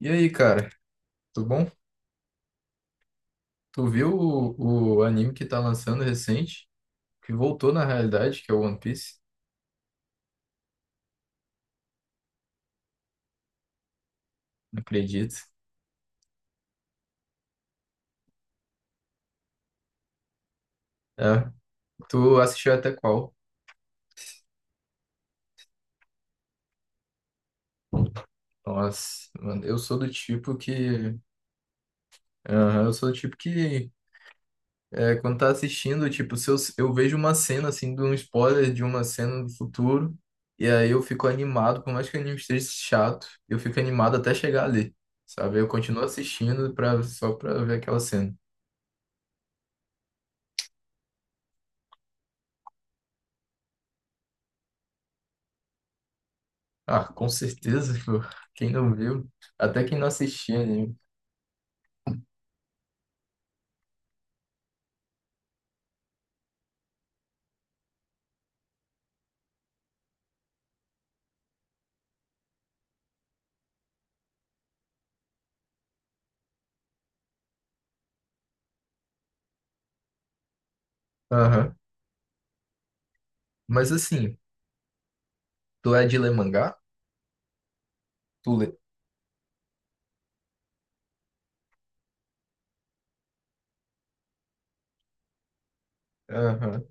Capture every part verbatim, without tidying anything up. E aí, cara, tudo bom? Tu viu o, o anime que tá lançando recente, que voltou na realidade, que é o One Piece? Não acredito. É, tu assistiu até qual? Nossa, mano, eu sou do tipo que. Aham, eu sou do tipo que. É, quando tá assistindo, tipo, se eu, eu vejo uma cena, assim, de um spoiler de uma cena do futuro, e aí eu fico animado, por mais que o anime esteja chato, eu fico animado até chegar ali, sabe? Eu continuo assistindo pra, só pra ver aquela cena. Ah, com certeza, pô. Quem não viu, até quem não assistia anime. Aham. Mas assim, tu é de ler mangá? Tu lê. Aham.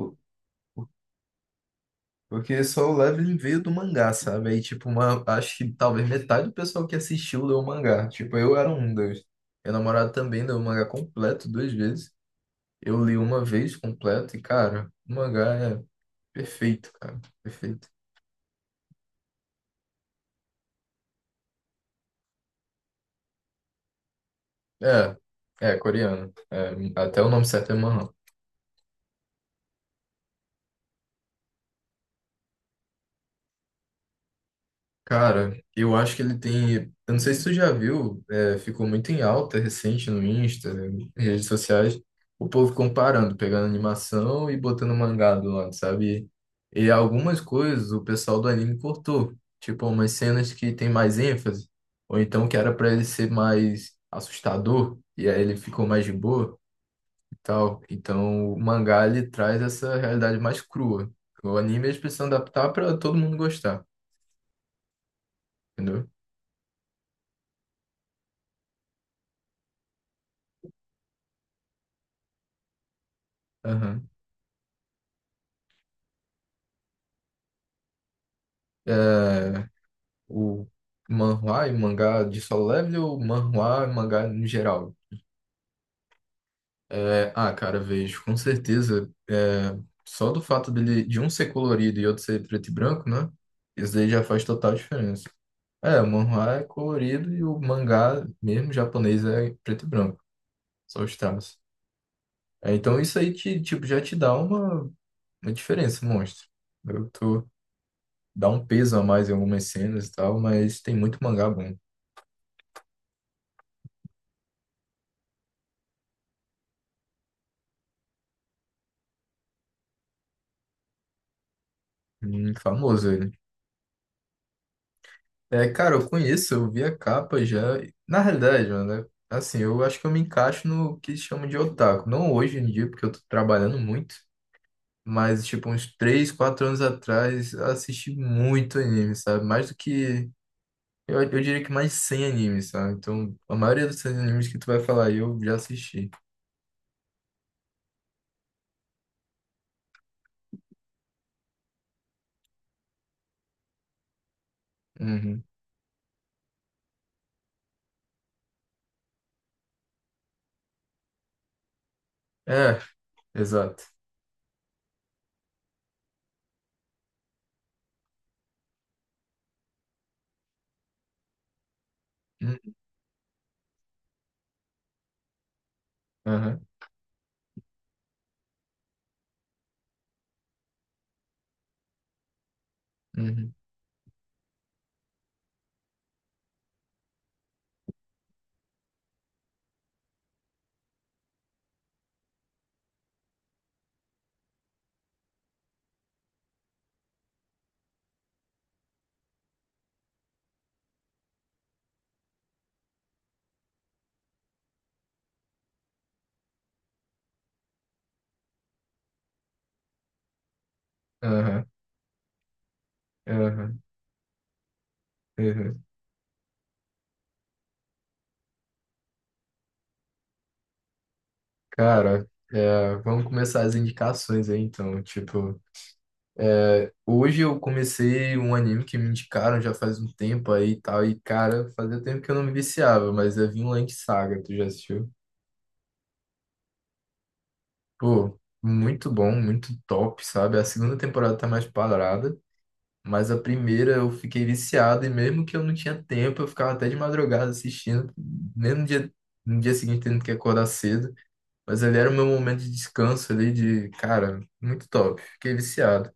O- o- Porque só o Leveling veio do mangá, sabe? Aí, tipo, uma, acho que talvez metade do pessoal que assistiu leu o mangá. Tipo, eu era um deles. Meu namorado também leu o mangá completo duas vezes. Eu li uma vez completo e, cara, o mangá é perfeito, cara. Perfeito. É, é coreano. É, até o nome certo é Manhwa. Cara, eu acho que ele tem. Eu não sei se tu já viu, é, ficou muito em alta recente no Insta, né, redes sociais, o povo comparando, pegando animação e botando mangá do lado, sabe? E algumas coisas o pessoal do anime cortou, tipo umas cenas que tem mais ênfase, ou então que era pra ele ser mais assustador, e aí ele ficou mais de boa e tal. Então o mangá ele traz essa realidade mais crua. O anime eles precisam adaptar pra todo mundo gostar, entendeu? Aham. é, o manhwa e mangá de Solo Leveling ou manhwa e mangá no geral? É, ah, cara, vejo, com certeza. É, só do fato dele, de um ser colorido e outro ser preto e branco, né? Isso daí já faz total diferença. É, o manhwa é colorido e o mangá mesmo japonês é preto e branco, só os traços. É, então isso aí te, tipo, já te dá uma, uma diferença, um monstro. Eu tô, Dá um peso a mais em algumas cenas e tal, mas tem muito mangá bom. Hum, famoso ele. É, cara, eu conheço, eu vi a capa já. Na realidade, mano, né? Assim, eu acho que eu me encaixo no que chamam de otaku. Não hoje em dia, porque eu tô trabalhando muito, mas, tipo, uns três, quatro anos atrás, eu assisti muito anime, sabe? Mais do que. Eu, eu diria que mais de cem animes, sabe? Então, a maioria dos animes que tu vai falar aí, eu já assisti. Uhum. É, exato. Uhum, aham, uhum, aham, aham, aham. Cara, é, vamos começar as indicações aí, então, tipo. Hoje eu comecei um anime que me indicaram já faz um tempo aí e tal, e cara, fazia tempo que eu não me viciava, mas é Vinland Saga, tu já assistiu? Pô, muito bom, muito top, sabe? A segunda temporada tá mais parada, mas a primeira eu fiquei viciado, e mesmo que eu não tinha tempo, eu ficava até de madrugada assistindo, mesmo no dia, no dia seguinte tendo que acordar cedo, mas ali era o meu momento de descanso ali, de, cara, muito top, fiquei viciado.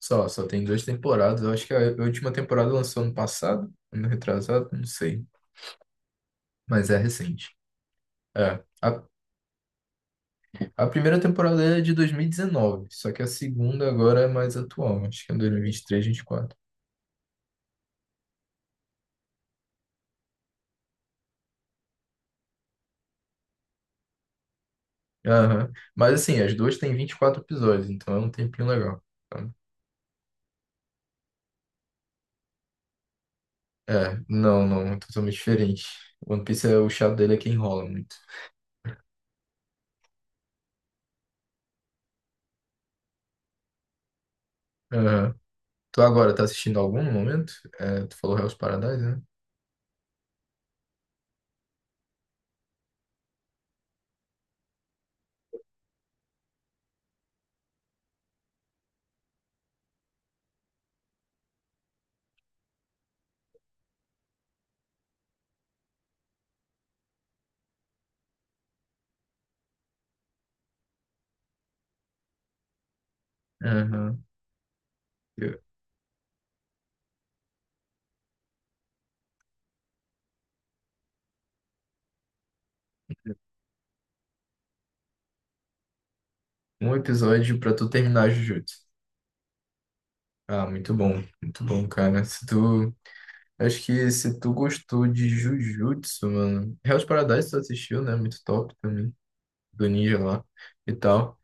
Só, só tem duas temporadas. Eu acho que a última temporada lançou ano passado, ano retrasado, não sei. Mas é recente. É. A, a primeira temporada é de dois mil e dezenove, só que a segunda agora é mais atual. Acho que é dois mil e vinte e três, vinte e quatro. Aham. Mas assim, as duas têm vinte e quatro episódios, então é um tempinho legal. Então, é, não, não, é totalmente diferente. One Piece, é, o chato dele é que enrola muito. Aham. Tu agora tá assistindo algum no momento? É, tu falou Hell's Paradise, né? Aham. Eu- Um episódio pra tu terminar Jujutsu. Ah, muito bom, muito bom, cara. Se tu. Acho que se tu gostou de Jujutsu, mano. Hell's Paradise tu assistiu, né? Muito top também. Do ninja lá e tal.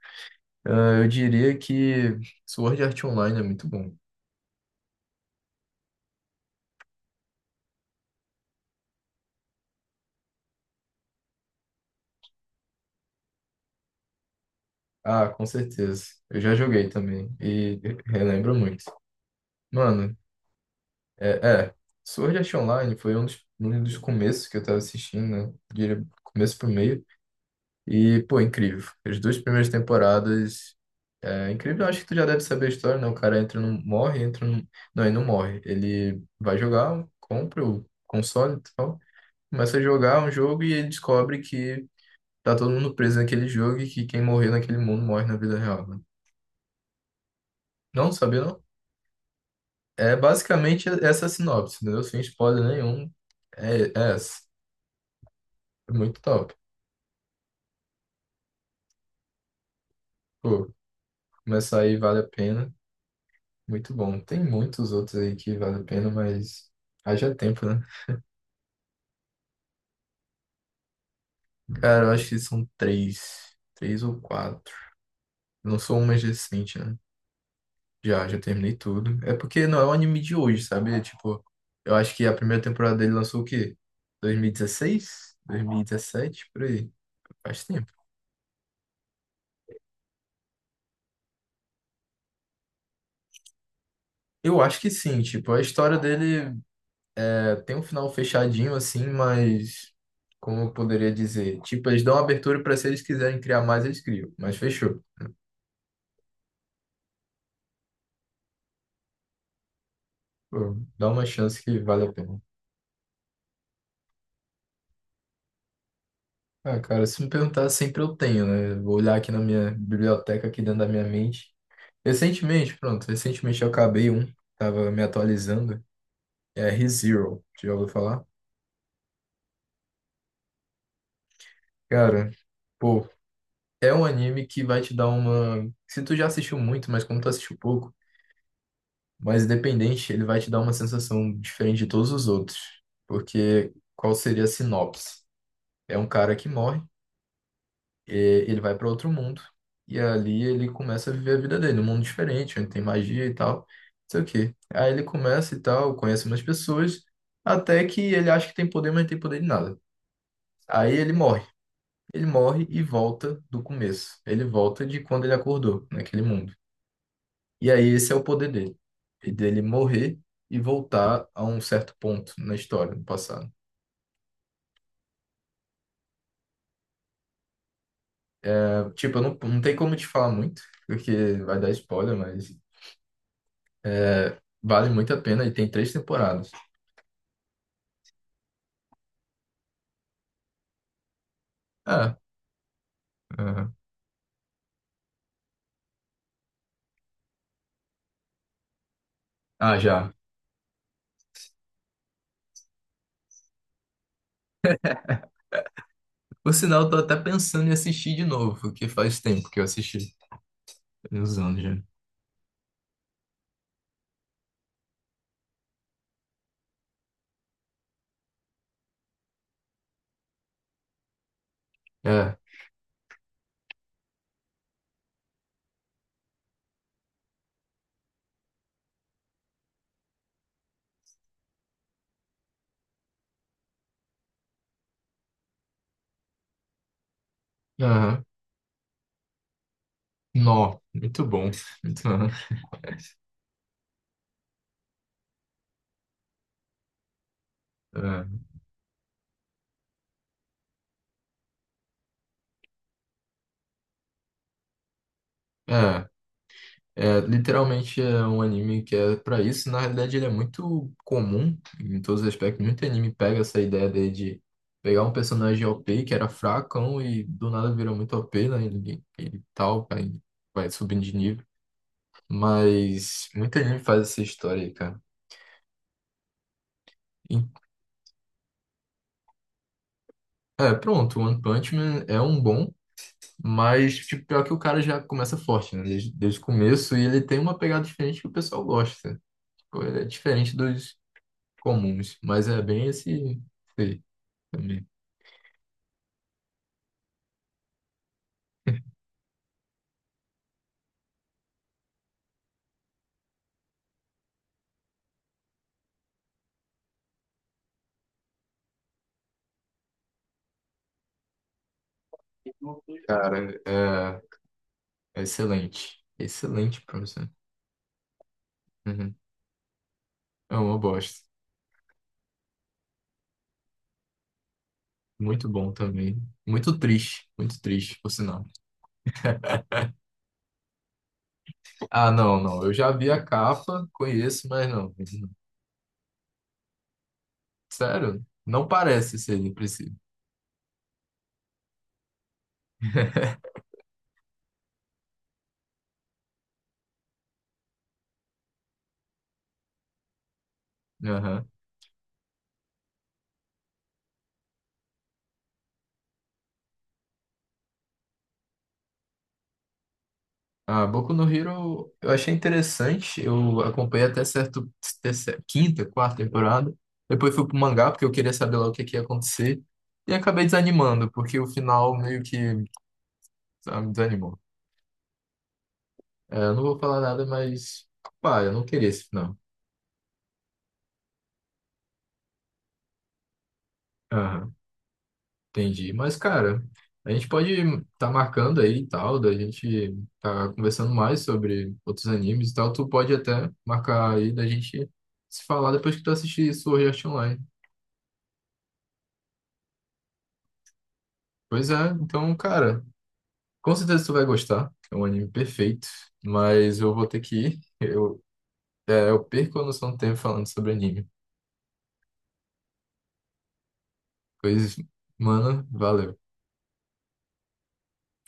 Ah, eu diria que Sword Art Online é muito bom. Ah, com certeza. Eu já joguei também. E relembro muito. Mano, é, é. Sword Art Online foi um dos, um dos começos que eu tava assistindo, né? Diria começo pro meio. E, pô, incrível. As duas primeiras temporadas. É incrível, acho que tu já deve saber a história, né? O cara entra num. Morre, entra num. Não, ele não morre. Ele vai jogar, compra o console e tal. Começa a jogar um jogo e ele descobre que tá todo mundo preso naquele jogo e que quem morrer naquele mundo morre na vida real, né? Não, sabia não? É basicamente essa a sinopse, entendeu? Sem spoiler nenhum. É, é essa. É muito top. Pô, começar aí vale a pena. Muito bom. Tem muitos outros aí que vale a pena, mas haja tempo, né? Cara, eu acho que são três. Três ou quatro. Eu não sou um mais recente, né? Já, já terminei tudo. É porque não é um anime de hoje, sabe? É. Tipo, eu acho que a primeira temporada dele lançou o quê? dois mil e dezesseis? dois mil e dezessete? Por aí. Faz tempo. Eu acho que sim, tipo, a história dele é, tem um final fechadinho, assim, mas. Como eu poderia dizer? Tipo, eles dão abertura pra se eles quiserem criar mais, eles criam. Mas fechou. Pô, dá uma chance que vale a pena. Ah, cara, se me perguntar, sempre eu tenho, né? Vou olhar aqui na minha biblioteca, aqui dentro da minha mente. Recentemente, pronto, recentemente eu acabei um, tava me atualizando, é ReZero, já ouviu falar? Cara, pô, é um anime que vai te dar uma... Se tu já assistiu muito, mas como tu assistiu pouco, mas independente, ele vai te dar uma sensação diferente de todos os outros. Porque qual seria a sinopse? É um cara que morre e ele vai para outro mundo. E ali ele começa a viver a vida dele, num mundo diferente, onde tem magia e tal. Não sei o quê. Aí ele começa e tal, conhece umas pessoas, até que ele acha que tem poder, mas não tem poder de nada. Aí ele morre. Ele morre e volta do começo. Ele volta de quando ele acordou, naquele mundo. E aí esse é o poder dele. E dele morrer e voltar a um certo ponto na história, no passado. É, tipo, eu não, não tem como te falar muito, porque vai dar spoiler, mas vale muito a pena e tem três temporadas. Ah, aham. Ah, já. Por sinal, eu tô até pensando em assistir de novo, porque faz tempo que eu assisti. Tem uns anos já. É. Aham. Nó. Muito bom. Muito bom. É. É. É, literalmente é um anime que é pra isso. Na realidade, ele é muito comum em todos os aspectos. Muito anime pega essa ideia dele de pegar um personagem O P que era fracão e do nada vira muito O P, né? Ele, ele tal, vai, vai subindo de nível. Mas muito anime faz essa história aí, cara. É, pronto, One Punch Man é um bom, mas tipo, pior que o cara já começa forte, né? Desde, desde o começo, e ele tem uma pegada diferente que o pessoal gosta. Tipo, ele é diferente dos comuns, mas é bem esse, esse aí também. Cara, é, é excelente. Excelente, professor. Uhum. É uma bosta. Muito bom também. Muito triste, muito triste, por sinal. Ah, não, não. Eu já vi a capa, conheço, mas não. Sério? Não parece ser impressivo. Ah, Boku no Hero eu achei interessante, eu acompanhei até certo, até cer- quinta, quarta temporada. Depois fui pro mangá porque eu queria saber lá o que, que ia acontecer. E acabei desanimando, porque o final meio que sabe, me desanimou. É, eu não vou falar nada, mas pá, eu não queria esse final. Aham, entendi. Mas, cara, a gente pode tá marcando aí e tal, da gente tá conversando mais sobre outros animes e tal. Tu pode até marcar aí da gente se falar depois que tu assistir Sword Art Online. Pois é, então, cara, com certeza tu vai gostar. É um anime perfeito, mas eu vou ter que ir. Eu, é, eu perco a noção do tempo falando sobre anime. Pois, mano, valeu.